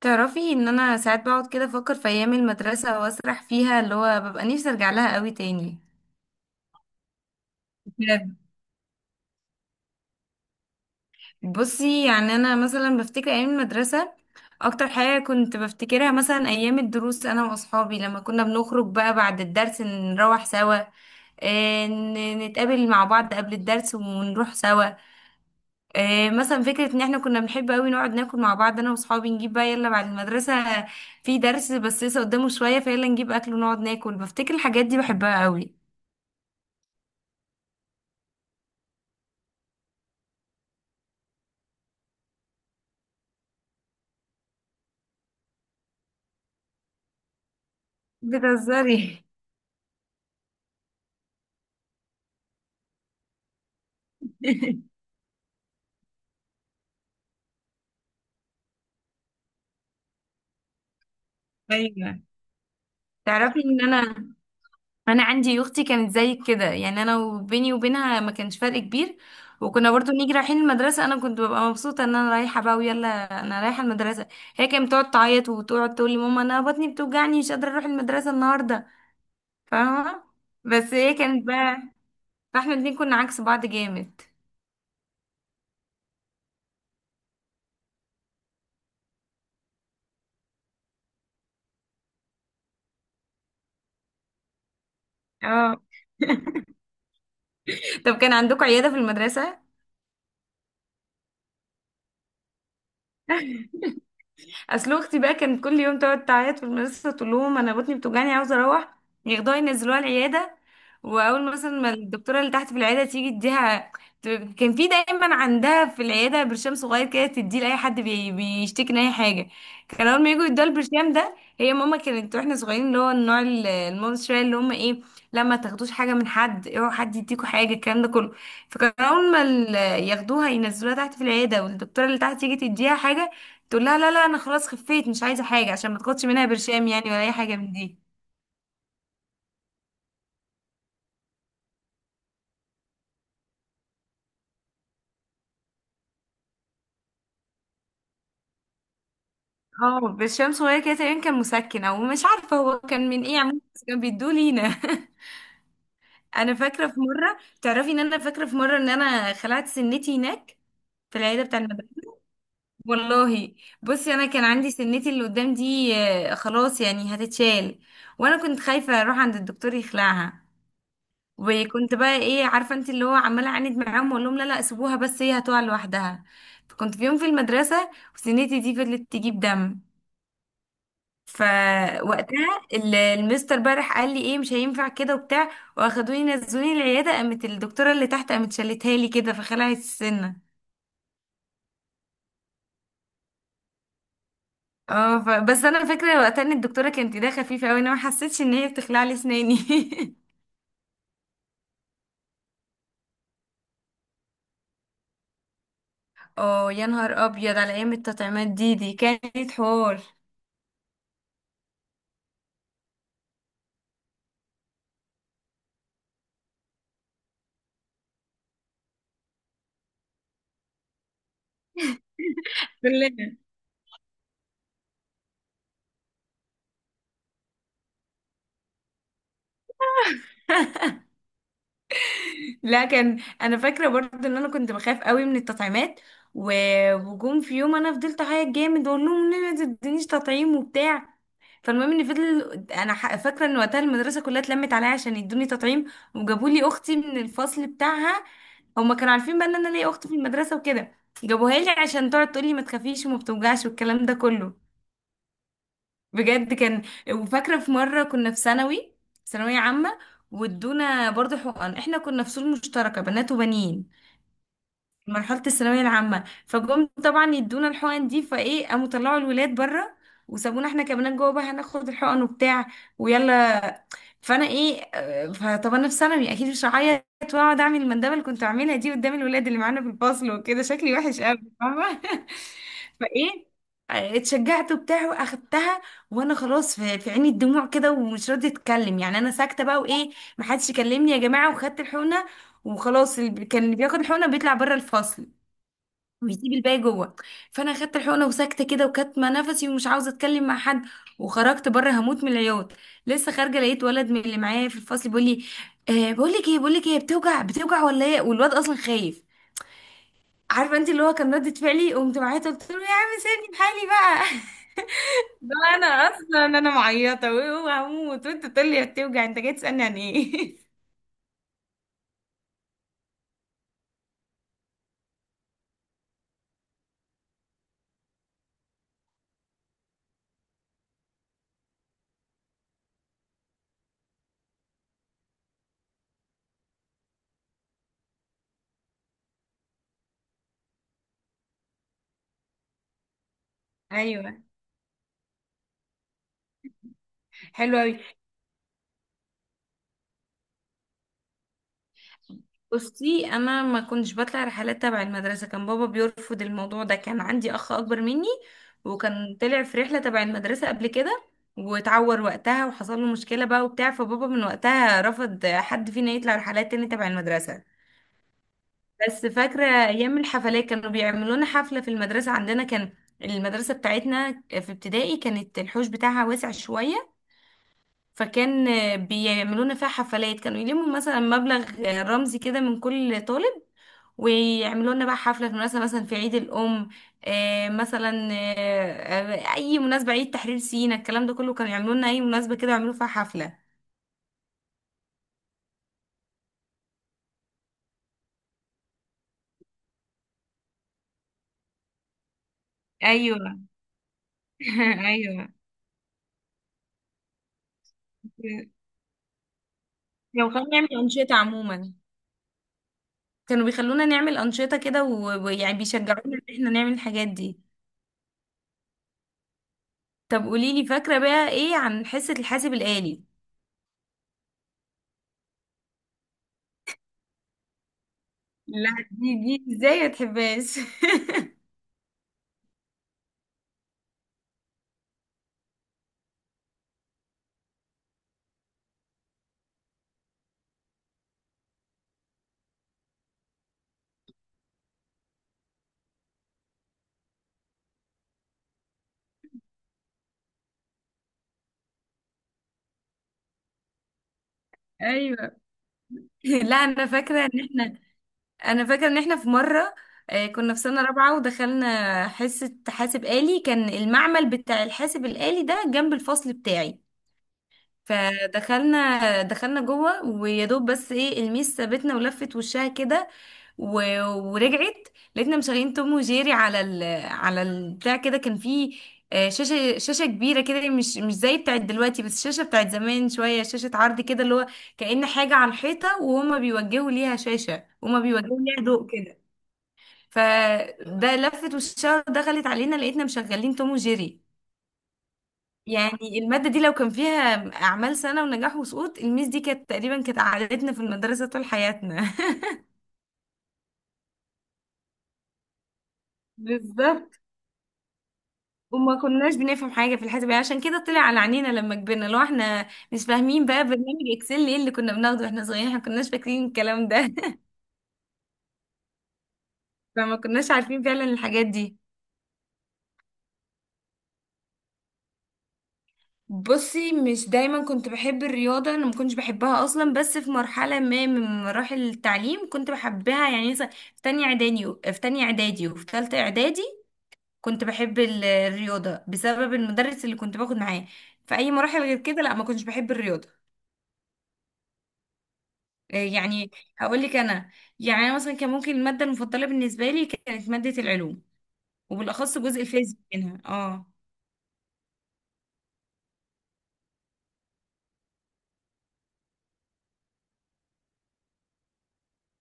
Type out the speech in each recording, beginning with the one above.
تعرفي ان انا ساعات بقعد كده افكر في ايام المدرسه واسرح فيها اللي هو ببقى نفسي ارجع لها قوي تاني بجد. بصي، يعني انا مثلا بفتكر ايام المدرسه، اكتر حاجه كنت بفتكرها مثلا ايام الدروس انا واصحابي لما كنا بنخرج بقى بعد الدرس نروح سوا. نتقابل مع بعض قبل الدرس ونروح سوا. مثلا فكرة ان احنا كنا بنحب قوي نقعد ناكل مع بعض، انا واصحابي نجيب بقى يلا بعد المدرسة في درس بس لسه قدامه شوية، فيلا نجيب اكل ونقعد ناكل. بفتكر الحاجات دي بحبها قوي. بتهزري؟ ايوه. تعرفي ان انا، انا عندي اختي كانت زي كده، يعني انا وبيني وبينها ما كانش فرق كبير. وكنا برضو نيجي رايحين المدرسة، انا كنت ببقى مبسوطة ان انا رايحة بقى ويلا، انا رايحة المدرسة. هي كانت بتقعد تعيط وتقعد تقول لي ماما انا بطني بتوجعني مش قادرة اروح المدرسة النهاردة، فاهمة؟ بس هي كانت بقى، فاحنا الاتنين كنا عكس بعض جامد. اه، طب كان عندكم عيادة في المدرسة. اصل اختي بقى كانت كل يوم تقعد تعيط في المدرسه تقول لهم انا بطني بتوجعني عاوزه اروح، ياخدوها ينزلوها العياده. واول مثلا ما الدكتوره اللي تحت في العياده تيجي اديها، كان في دايما عندها في العياده برشام صغير كده تديه لاي حد بيشتكي من اي حاجه. كان اول ما يجوا يدوها البرشام ده. هي ماما كانت واحنا صغيرين اللي هو النوع الماما شويه، اللي هم ايه، لما تاخدوش حاجه من حد، اوعوا حد يديكوا حاجه، الكلام ده كله. فكان اول ما ياخدوها ينزلوها تحت في العياده والدكتوره اللي تحت تيجي تديها حاجه، تقول لها لا لا انا خلاص خفيت مش عايزه حاجه، عشان ما تاخدش منها برشام يعني ولا اي حاجه من دي. اه برشام صغير كده، تقريبا كان مسكن او مش عارفه هو كان من ايه، عموما بس كان بيدوه لينا. انا فاكره في مره، ان انا خلعت سنتي هناك في العياده بتاع المدرسه. والله، بصي انا كان عندي سنتي اللي قدام دي خلاص يعني هتتشال. وانا كنت خايفه اروح عند الدكتور يخلعها، وكنت بقى ايه، عارفه انت اللي هو عماله اعاند معاهم واقول لهم لا لا سيبوها، بس هي هتقع لوحدها. فكنت في يوم في المدرسه وسنتي دي فضلت تجيب دم، فوقتها المستر بقى راح قال لي ايه مش هينفع كده وبتاع. واخدوني نزلوني العياده، قامت الدكتوره اللي تحت قامت شالتها لي كده فخلعت السنه. اه بس انا فاكره وقتها ان الدكتوره كانت ايديها خفيفه قوي، انا ما حسيتش ان هي بتخلع لي اسناني. اه يا نهار ابيض، على ايام التطعيمات دي كانت حوار. لا كان، انا فاكره برضه ان انا كنت بخاف قوي من التطعيمات، وجم في يوم انا فضلت اعيط جامد واقول لهم لا ما تدينيش تطعيم وبتاع. فالمهم ان فضل انا فاكره ان وقتها المدرسه كلها اتلمت عليا عشان يدوني تطعيم، وجابوا لي اختي من الفصل بتاعها. هما كانوا عارفين بقى ان انا ليا اخت في المدرسه وكده، جابوها لي عشان تقعد تقول لي ما تخافيش وما بتوجعش والكلام ده كله. بجد كان، وفاكره في مره كنا في ثانوي، ثانويه عامه، وادونا برضه حقن. احنا كنا فصول مشتركه بنات وبنين، مرحلة الثانوية العامة، فجم طبعا يدونا الحقن دي، فايه قاموا طلعوا الولاد بره وسابونا احنا كمان جوه بقى هناخد الحقن وبتاع ويلا. فانا ايه، فطب انا في ثانوي اكيد مش هعيط واقعد اعمل المندبه اللي كنت اعملها دي قدام الولاد اللي معانا في الفصل وكده، شكلي وحش قوي، فاهمه؟ فايه اتشجعت وبتاع واخدتها. وانا خلاص في عيني الدموع كده ومش راضيه اتكلم، يعني انا ساكته بقى وايه، محدش يكلمني يا جماعه. وخدت الحقنه وخلاص، اللي كان اللي بياخد الحقنه بيطلع بره الفصل ويسيب الباقي جوه. فانا خدت الحقنه وساكته كده وكاتمه نفسي ومش عاوزه اتكلم مع حد، وخرجت بره هموت من العياط. لسه خارجه لقيت ولد من اللي معايا في الفصل بيقول لي، آه بقول لك ايه، بقول لك ايه، بتوجع بتوجع ولا ايه، والواد اصلا خايف. عارفه انت اللي هو كان ردة فعلي، قمت معايا قلت له يا عم سيبني بحالي بقى. ده انا اصلا انا معيطه وهموت وانت تقول لي بتوجع، انت جاي تسالني عن ايه. ايوه. حلو قوي. بصي انا ما كنتش بطلع رحلات تبع المدرسه، كان بابا بيرفض الموضوع ده. كان عندي اخ اكبر مني وكان طلع في رحله تبع المدرسه قبل كده، واتعور وقتها وحصل له مشكله بقى وبتاع، فبابا من وقتها رفض حد فينا يطلع رحلات تاني تبع المدرسه. بس فاكره ايام الحفلات، كانوا بيعملوا لنا حفله في المدرسه عندنا. كان المدرسه بتاعتنا في ابتدائي كانت الحوش بتاعها واسع شويه، فكان بيعملونا فيها حفلات، كانوا يلموا مثلا مبلغ رمزي كده من كل طالب ويعملوا لنا بقى حفلة في مناسبة مثلا في عيد الأم، مثلا، أي مناسبة، عيد تحرير سينا، الكلام ده كله، كانوا يعملوا لنا أي مناسبة كده يعملوا فيها حفلة. ايوه. ايوه. لو خلونا نعمل أنشطة عموما، كانوا بيخلونا نعمل أنشطة كده، ويعني بيشجعونا إن احنا نعمل الحاجات دي. طب قوليلي، فاكرة بقى إيه عن حصة الحاسب الآلي؟ لا، دي ازاي ما تحبهاش! ايوه. لا انا فاكره ان احنا في مره، كنا في سنه رابعه ودخلنا حصه حاسب آلي. كان المعمل بتاع الحاسب الآلي ده جنب الفصل بتاعي، فدخلنا جوه ويا دوب بس ايه، الميس سابتنا ولفت وشها كده ورجعت لقيتنا مشغلين توم وجيري على ال على البتاع كده. كان فيه شاشة، شاشة كبيرة كده، مش زي بتاعت دلوقتي، بس شاشة بتاعت زمان شوية، شاشة عرض كده اللي هو كأن حاجة على الحيطة وهما بيوجهوا ليها شاشة وهما بيوجهوا ليها ضوء كده. فده لفت والشهر دخلت علينا لقيتنا مشغلين توم وجيري. يعني المادة دي لو كان فيها أعمال سنة ونجاح وسقوط الميس دي كانت تقريبا، كانت عادتنا في المدرسة طول حياتنا. بالظبط. وما كناش بنفهم حاجة في الحساب، يعني عشان كده طلع على عينينا لما كبرنا لو احنا مش فاهمين بقى برنامج اكسل، ايه اللي كنا بناخده واحنا صغيرين، احنا كناش فاكرين الكلام ده. فما كناش عارفين فعلا الحاجات دي. بصي، مش دايما كنت بحب الرياضة، انا ما كنتش بحبها اصلا، بس في مرحلة ما من مراحل التعليم كنت بحبها، يعني مثلا في تانية اعدادي، وفي تالتة اعدادي كنت بحب الرياضة بسبب المدرس اللي كنت باخد معاه. في اي مراحل غير كده لا ما كنتش بحب الرياضة. يعني هقول لك انا، يعني انا مثلا كان ممكن المادة المفضلة بالنسبة لي كانت مادة العلوم، وبالاخص جزء الفيزياء منها. اه.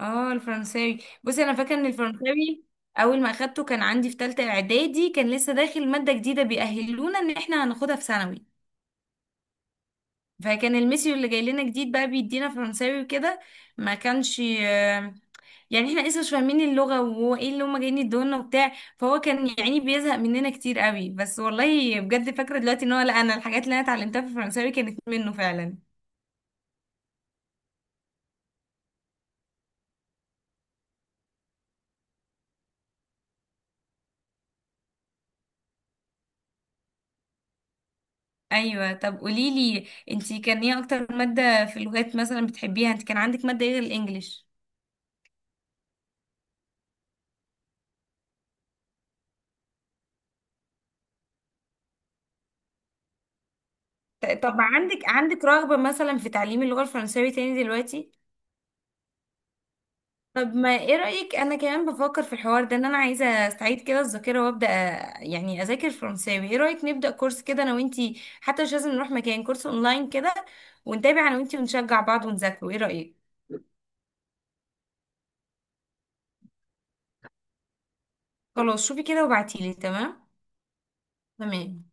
اه، الفرنساوي. بصي انا فاكره ان الفرنساوي اول ما اخدته كان عندي في ثالثه اعدادي، كان لسه داخل ماده جديده بيأهلونا ان احنا هناخدها في ثانوي، فكان الميسيو اللي جاي لنا جديد بقى بيدينا فرنساوي وكده. ما كانش يعني احنا لسه مش فاهمين اللغه وهو ايه اللي هما جايين يدونا وبتاع، فهو كان يعني بيزهق مننا كتير قوي، بس والله بجد فاكره دلوقتي ان هو، لا انا الحاجات اللي انا اتعلمتها في الفرنساوي كانت منه فعلا. ايوه. طب قولي لي انت كان ايه اكتر ماده في اللغات مثلا بتحبيها، انت كان عندك ماده ايه غير الانجليش؟ طب عندك رغبه مثلا في تعليم اللغه الفرنساوي تاني دلوقتي؟ طب ما ايه رايك، انا كمان بفكر في الحوار ده، ان انا عايزه استعيد كده الذاكره وابدا يعني اذاكر فرنساوي. ايه رايك نبدا كورس كده انا وانتي، حتى مش لازم نروح مكان، كورس اونلاين كده، ونتابع انا وانتي ونشجع بعض ونذاكره، ايه رايك؟ خلاص شوفي كده وابعتيلي. تمام. تمام.